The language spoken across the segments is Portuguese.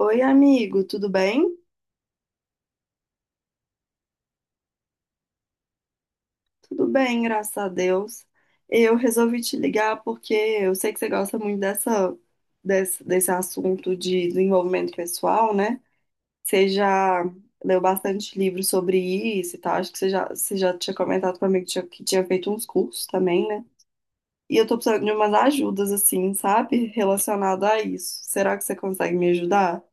Oi, amigo, tudo bem? Tudo bem, graças a Deus. Eu resolvi te ligar porque eu sei que você gosta muito desse assunto de desenvolvimento pessoal, né? Você já leu bastante livro sobre isso e tal. Acho que você já tinha comentado comigo que tinha feito uns cursos também, né? E eu tô precisando de umas ajudas, assim, sabe? Relacionado a isso. Será que você consegue me ajudar?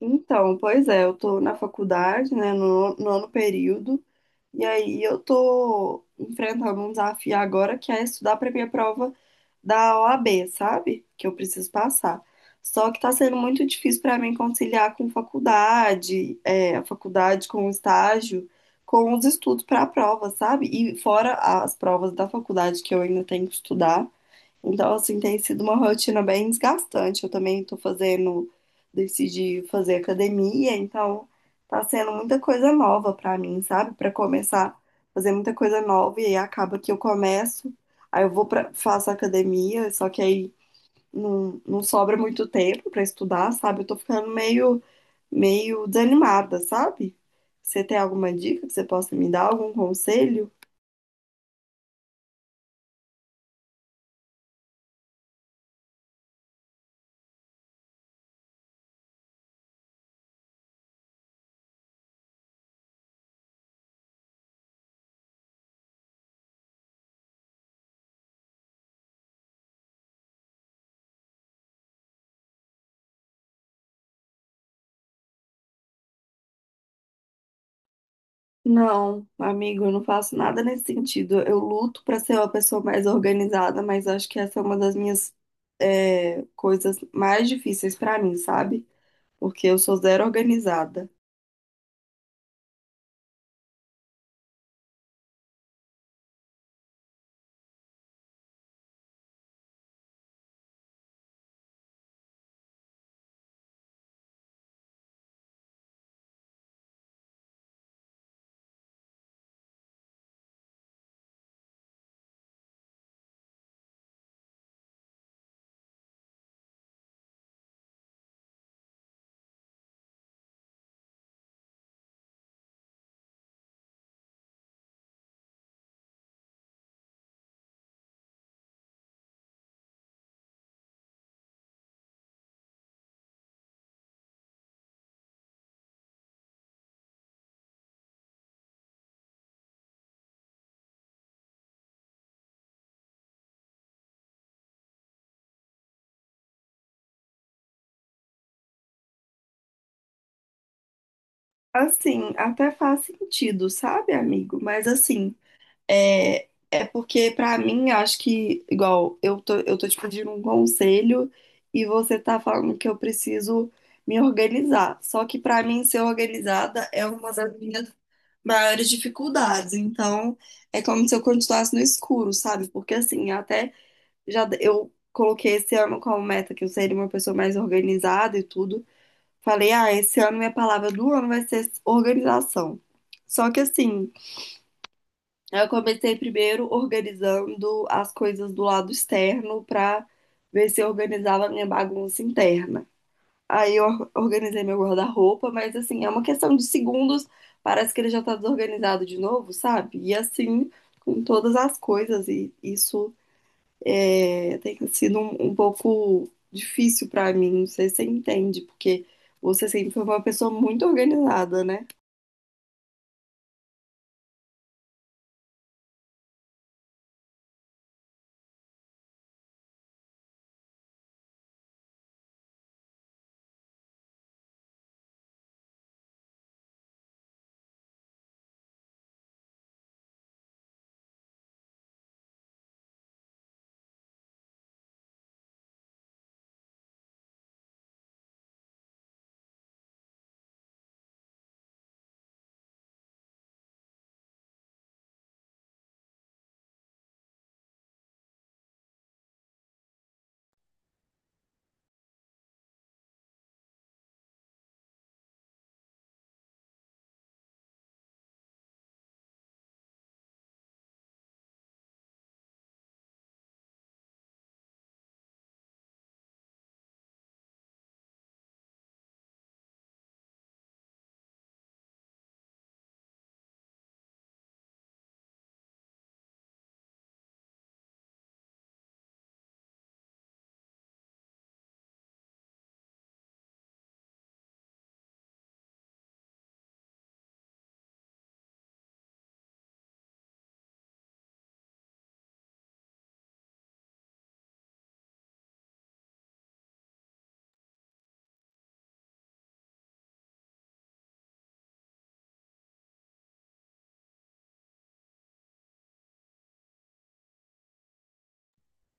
Então, pois é, eu tô na faculdade, né, no nono período. E aí eu tô enfrentando um desafio agora que é estudar para minha prova da OAB, sabe? Que eu preciso passar. Só que tá sendo muito difícil para mim conciliar com faculdade, a faculdade com o estágio, com os estudos para a prova, sabe? E fora as provas da faculdade que eu ainda tenho que estudar. Então, assim, tem sido uma rotina bem desgastante. Eu também tô fazendo, decidi fazer academia, então tá sendo muita coisa nova pra mim, sabe? Pra começar a fazer muita coisa nova e aí acaba que eu começo, aí eu vou pra, faço academia, só que aí não sobra muito tempo pra estudar, sabe? Eu tô ficando meio desanimada, sabe? Você tem alguma dica que você possa me dar, algum conselho? Não, amigo, eu não faço nada nesse sentido. Eu luto para ser uma pessoa mais organizada, mas acho que essa é uma das minhas coisas mais difíceis para mim, sabe? Porque eu sou zero organizada. Assim, até faz sentido, sabe, amigo? Mas assim, é porque para mim, acho que, igual, eu tô te pedindo um conselho e você tá falando que eu preciso me organizar. Só que para mim, ser organizada é uma das minhas maiores dificuldades. Então, é como se eu continuasse no escuro, sabe? Porque assim, até já eu coloquei esse ano como meta que eu seria uma pessoa mais organizada e tudo. Falei, ah, esse ano minha palavra do ano vai ser organização. Só que assim, eu comecei primeiro organizando as coisas do lado externo pra ver se eu organizava a minha bagunça interna. Aí eu organizei meu guarda-roupa, mas assim, é uma questão de segundos, parece que ele já tá desorganizado de novo, sabe? E assim, com todas as coisas, e isso é, tem sido um pouco difícil pra mim, não sei se você entende, porque você sempre foi uma pessoa muito organizada, né?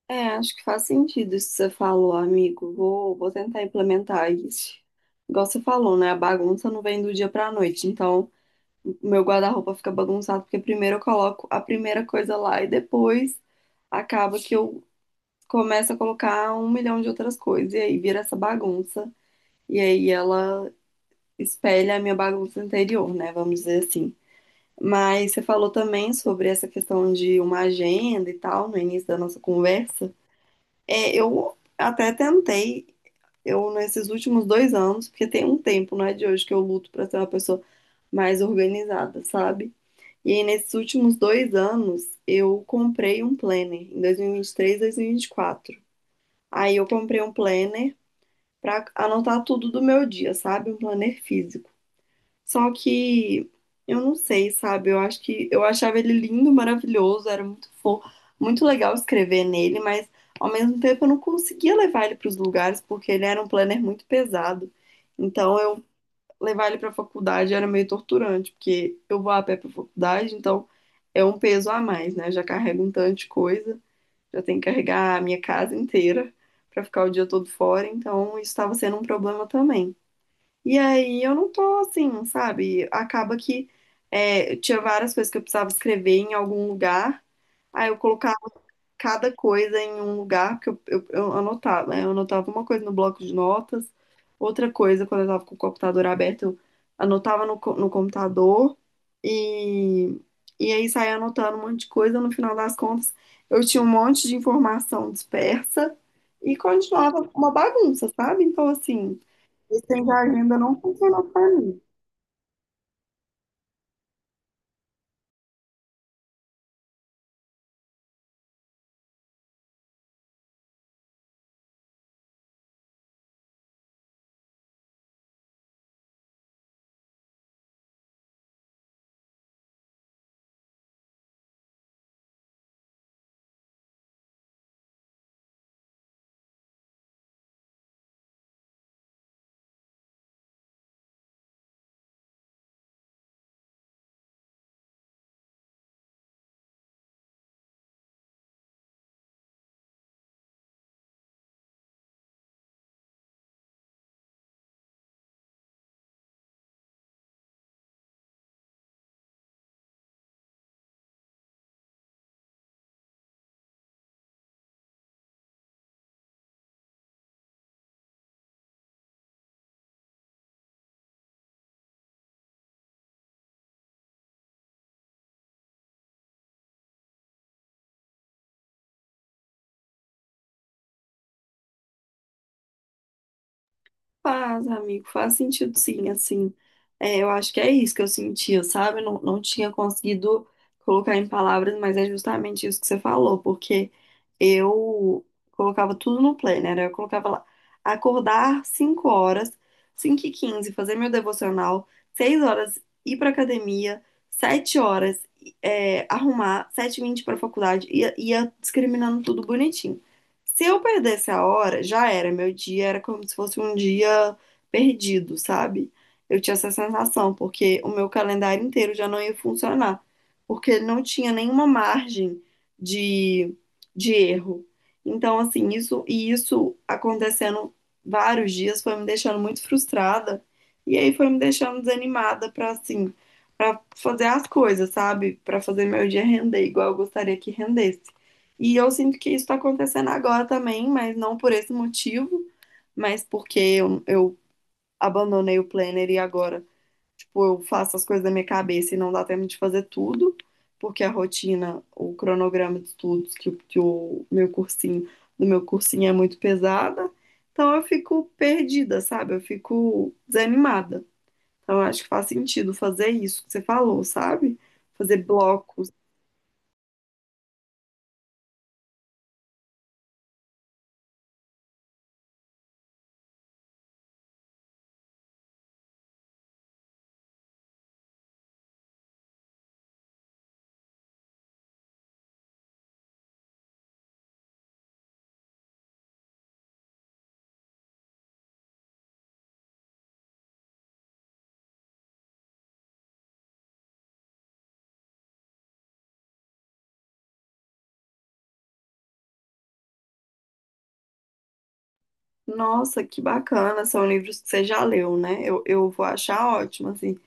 É, acho que faz sentido isso que você falou, amigo. Vou tentar implementar isso. Igual você falou, né? A bagunça não vem do dia pra noite, então, meu guarda-roupa fica bagunçado, porque primeiro eu coloco a primeira coisa lá e depois acaba que eu começo a colocar um milhão de outras coisas. E aí vira essa bagunça. E aí ela espelha a minha bagunça interior, né? Vamos dizer assim. Mas você falou também sobre essa questão de uma agenda e tal, no início da nossa conversa. É, eu até tentei, eu nesses últimos 2 anos, porque tem um tempo, não é de hoje, que eu luto pra ser uma pessoa mais organizada, sabe? E aí, nesses últimos 2 anos, eu comprei um planner, em 2023, 2024. Aí, eu comprei um planner para anotar tudo do meu dia, sabe? Um planner físico. Só que eu não sei, sabe? Eu acho que eu achava ele lindo, maravilhoso, era muito fofo, muito legal escrever nele, mas ao mesmo tempo eu não conseguia levar ele para os lugares porque ele era um planner muito pesado. Então, eu levar ele para a faculdade era meio torturante, porque eu vou a pé para a faculdade, então é um peso a mais, né? Já carrego um tanto de coisa, já tenho que carregar a minha casa inteira para ficar o dia todo fora, então isso estava sendo um problema também. E aí eu não tô assim, sabe? Acaba que tinha várias coisas que eu precisava escrever em algum lugar, aí eu colocava cada coisa em um lugar, porque eu anotava, né? Eu anotava uma coisa no bloco de notas, outra coisa quando eu estava com o computador aberto, eu anotava no computador e, e aí saía anotando um monte de coisa. No final das contas, eu tinha um monte de informação dispersa e continuava uma bagunça, sabe? Então, assim, esse trem da agenda não funcionou para mim. Faz, amigo, faz sentido sim, assim, eu acho que é isso que eu sentia, sabe? Não tinha conseguido colocar em palavras, mas é justamente isso que você falou, porque eu colocava tudo no planner, eu colocava lá, acordar 5 horas, cinco e 15, fazer meu devocional, 6 horas ir pra academia, 7 horas arrumar, sete e 20 pra faculdade, ia discriminando tudo bonitinho. Se eu perdesse a hora, já era. Meu dia era como se fosse um dia perdido, sabe? Eu tinha essa sensação, porque o meu calendário inteiro já não ia funcionar, porque ele não tinha nenhuma margem de, de erro. Então, assim, isso e isso acontecendo vários dias foi me deixando muito frustrada e aí foi me deixando desanimada para assim, para fazer as coisas, sabe? Para fazer meu dia render igual eu gostaria que rendesse. E eu sinto que isso está acontecendo agora também, mas não por esse motivo, mas porque eu abandonei o planner e agora, tipo, eu faço as coisas da minha cabeça e não dá tempo de fazer tudo, porque a rotina, o cronograma de estudos que, que o meu cursinho, do meu cursinho é muito pesada. Então eu fico perdida, sabe? Eu fico desanimada. Então eu acho que faz sentido fazer isso que você falou, sabe? Fazer blocos. Nossa, que bacana. São livros que você já leu, né? Eu vou achar ótimo, assim.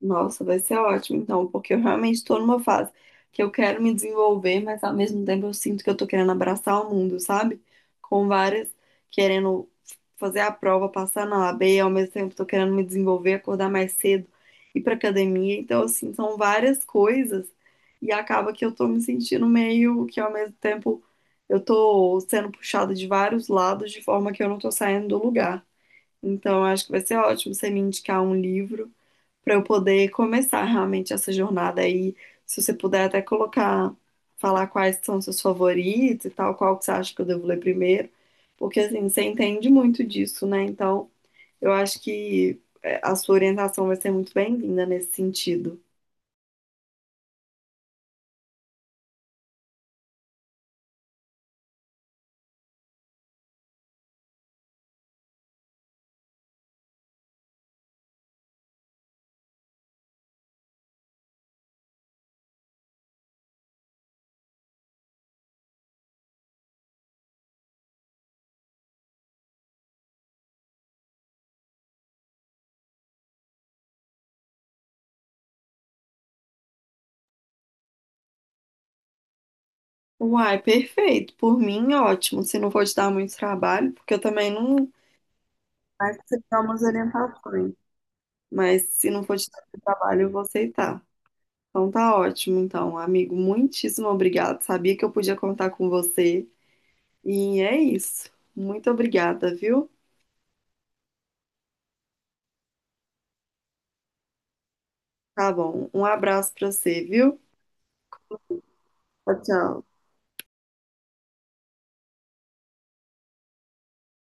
Nossa, vai ser ótimo, então, porque eu realmente estou numa fase que eu quero me desenvolver, mas ao mesmo tempo eu sinto que eu tô querendo abraçar o mundo, sabe? Com várias, querendo fazer a prova, passar na AB, ao mesmo tempo tô querendo me desenvolver, acordar mais cedo, ir pra academia. Então, assim, são várias coisas e acaba que eu tô me sentindo meio que ao mesmo tempo eu tô sendo puxada de vários lados de forma que eu não tô saindo do lugar. Então, eu acho que vai ser ótimo você me indicar um livro para eu poder começar realmente essa jornada aí. Se você puder até colocar, falar quais são seus favoritos e tal, qual que você acha que eu devo ler primeiro, porque assim, você entende muito disso, né? Então, eu acho que a sua orientação vai ser muito bem-vinda nesse sentido. Uai, perfeito. Por mim, ótimo. Se não for te dar muito trabalho, porque eu também não. Mas você dá umas orientações. Mas se não for te dar muito trabalho, eu vou aceitar. Então tá ótimo, então, amigo. Muitíssimo obrigado. Sabia que eu podia contar com você. E é isso. Muito obrigada, viu? Tá bom. Um abraço pra você, viu? Tchau, tchau.